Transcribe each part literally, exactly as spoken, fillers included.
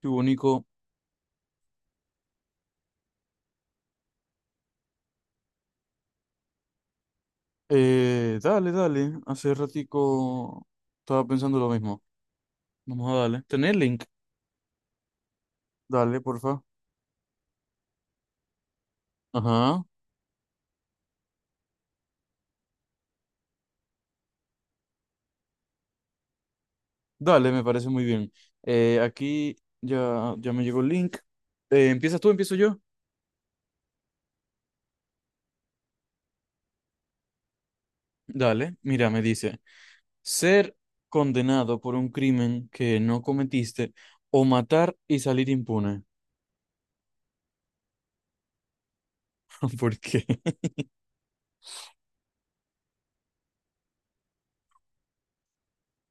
Qué bonito. Eh, dale, dale. Hace ratico estaba pensando lo mismo. Vamos a darle. ¿Tenés link? Dale, porfa. Ajá. Dale, me parece muy bien. Eh, aquí ya, ya me llegó el link. Eh, ¿empiezas tú? ¿Empiezo yo? Dale. Mira, me dice. Ser condenado por un crimen que no cometiste o matar y salir impune. ¿Por qué?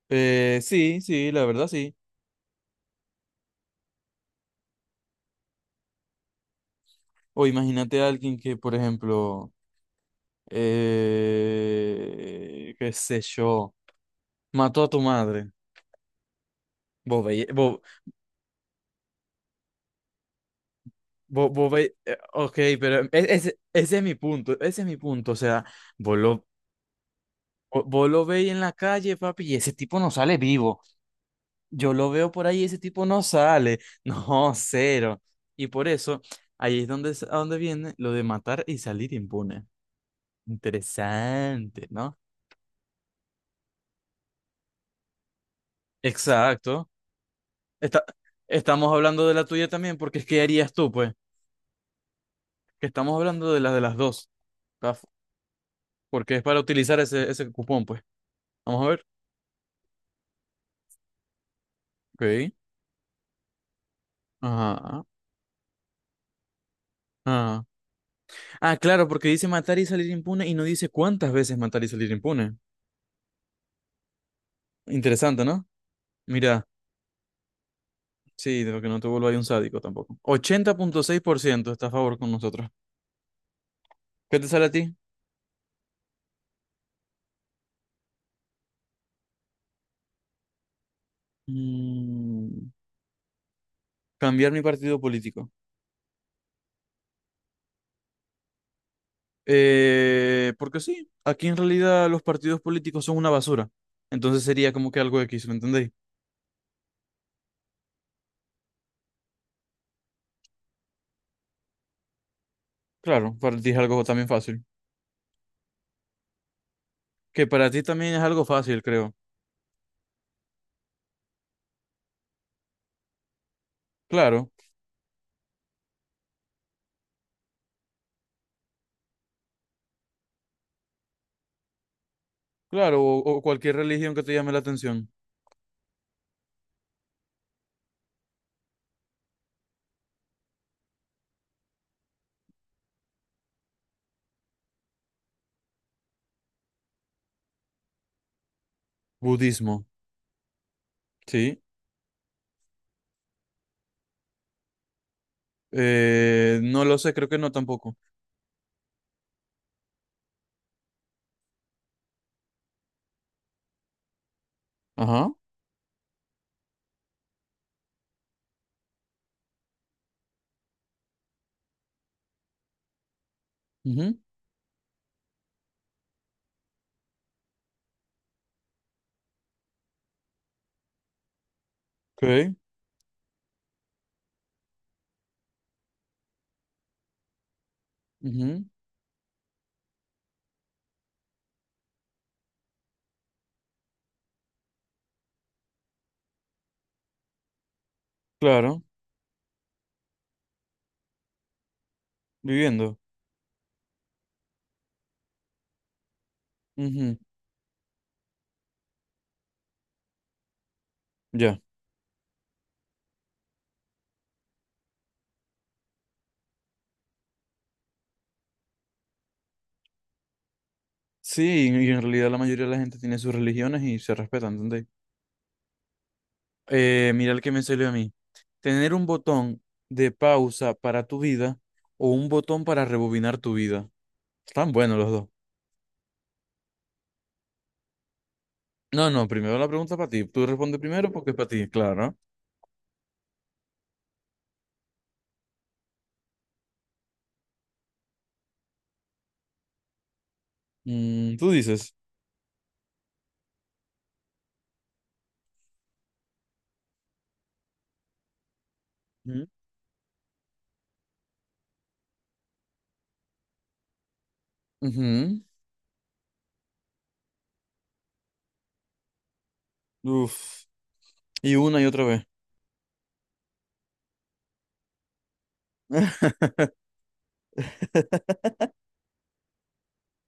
Eh, sí, sí, la verdad sí. O imagínate a alguien que, por ejemplo, Eh, qué sé yo. Mató a tu madre. Vos veis, vos, vos, vos veí- eh, ok, pero e- ese, ese es mi punto, ese es mi punto. O sea, vos lo, vo- vos lo veis en la calle, papi, y ese tipo no sale vivo. Yo lo veo por ahí y ese tipo no sale. No, cero. Y por eso, ahí es donde, es- a donde viene lo de matar y salir impune. Interesante, ¿no? Exacto. Está, estamos hablando de la tuya también, porque es que harías tú, pues. Que estamos hablando de las de las dos, ¿tá? Porque es para utilizar ese, ese cupón, pues. Vamos a ver. Ok. Ajá. Ah. Ah, claro, porque dice matar y salir impune y no dice cuántas veces matar y salir impune. Interesante, ¿no? Mira, sí, de lo que no te vuelva ahí un sádico tampoco. ochenta punto seis por ciento está a favor con nosotros. ¿Qué te sale a ti? Mm, cambiar mi partido político. Eh, porque sí, aquí en realidad los partidos políticos son una basura. Entonces sería como que algo X, ¿me entendéis? Claro, para ti es algo también fácil. Que para ti también es algo fácil, creo. Claro, claro, o, o cualquier religión que te llame la atención. Budismo, sí. Eh, no lo sé, creo que no tampoco. Ajá. Ujú. Ok. Ujú. Claro, viviendo. Ujú. Ya. Sí, y en realidad la mayoría de la gente tiene sus religiones y se respetan, ¿entendés? Eh, mira el que me salió a mí. Tener un botón de pausa para tu vida o un botón para rebobinar tu vida. Están buenos los dos. No, no, primero la pregunta para ti. Tú respondes primero porque es para ti, claro. Mm, tú dices. Ujú. Ujú. Uf. Y una y otra vez.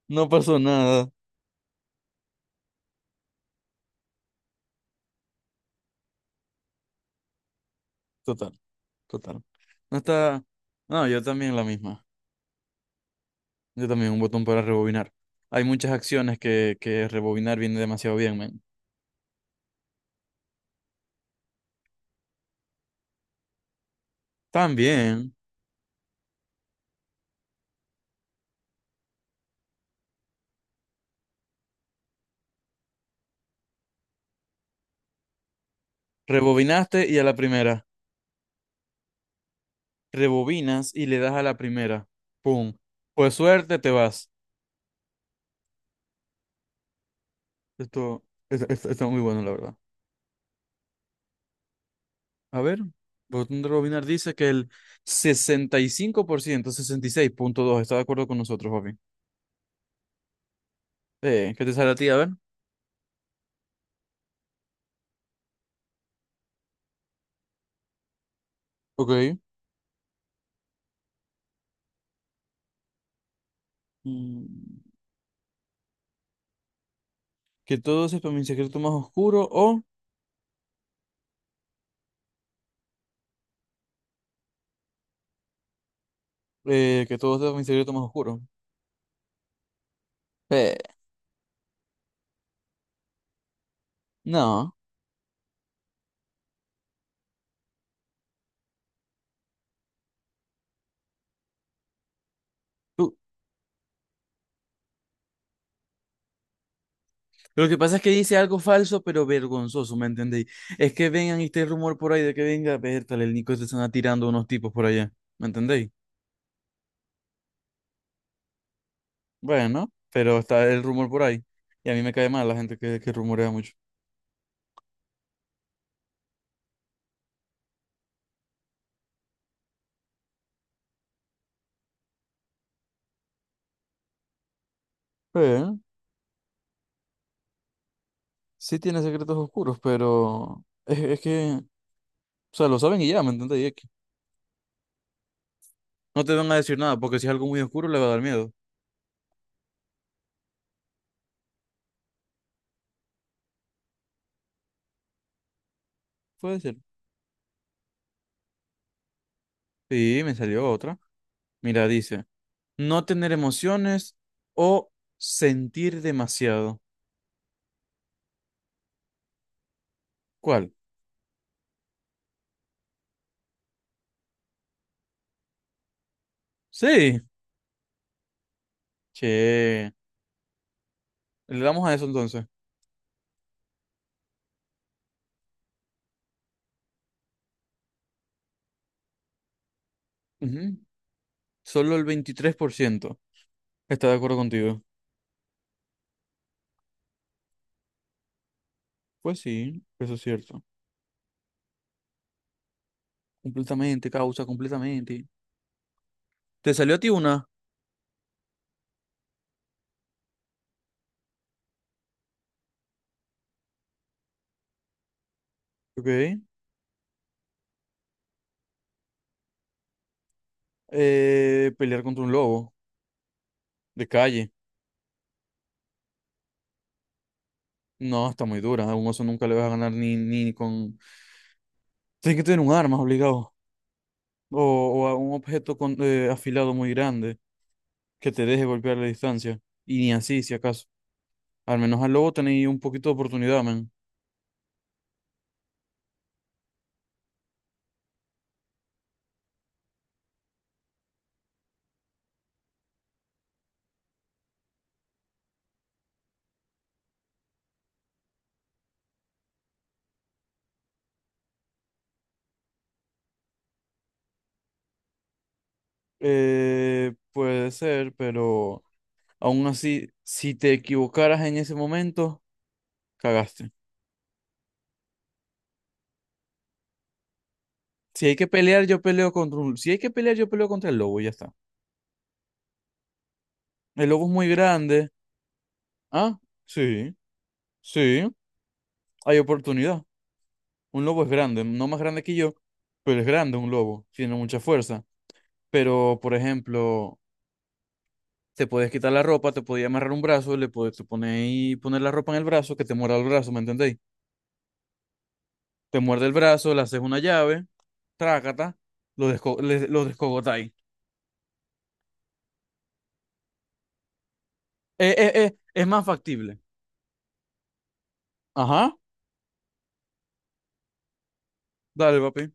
No pasó nada. Total, total. No está. No, yo también la misma. Yo también un botón para rebobinar. Hay muchas acciones que, que rebobinar viene demasiado bien, men. También. Rebobinaste y a la primera. Rebobinas y le das a la primera. Pum. Pues suerte, te vas. Esto, esto, esto- está muy bueno, la verdad. A ver, botón de Robinar dice que el sesenta sesenta y y cinco por ciento, sesenta y seis punto dos está de acuerdo con nosotros, papi. Eh, ¿qué te sale a ti? A ver. Ok. Mm, que todo sepa mi secreto más oscuro o eh, que todo sepa mi secreto más oscuro. Eh, no. Tú- lo que pasa es que dice algo falso, pero vergonzoso, ¿me entendéis? Es que vengan y este rumor por ahí de que venga, tal el Nico se están atirando unos tipos por allá, ¿me entendéis? Bueno, pero está el rumor por ahí. Y a mí me cae mal la gente que, que rumorea mucho. Sí. Sí tiene secretos oscuros, pero es, es que, o sea, lo saben y ya, ¿me entendés? Y es que no te van a decir nada, porque si es algo muy oscuro le va a dar miedo. Puede ser. Sí, me salió otra. Mira, dice, no tener emociones o sentir demasiado. ¿Cuál? Sí. Che, le damos a eso entonces. Ujú. Solo el veintitrés por ciento está de acuerdo contigo. Pues sí, eso es cierto. Completamente, causa, completamente. ¿Te salió a ti una? Ok. Eh, pelear contra un lobo. De calle. No, está muy dura. A un oso nunca le vas a ganar ni, ni, ni con... Tienes que tener un arma obligado. O, o a un objeto con, eh, afilado muy grande que te deje golpear la distancia. Y ni así, si acaso. Al menos al lobo tenéis un poquito de oportunidad, man. Eh, puede ser, pero aún así, si te equivocaras en ese momento, cagaste. Si hay que pelear, yo peleo contra un... Si hay que pelear, yo peleo contra el lobo y ya está. El lobo es muy grande. Ah, sí, sí, hay oportunidad. Un lobo es grande, no más grande que yo, pero es grande un lobo, tiene mucha fuerza. Pero, por ejemplo, te puedes quitar la ropa, te podía amarrar un brazo, le puedes te poner, y poner la ropa en el brazo, que te muerda el brazo, ¿me entendéis? Te muerde el brazo, le haces una llave, trácata, lo, desco le- lo descogotáis. Eh, eh, eh, es más factible. Ajá, dale, papi.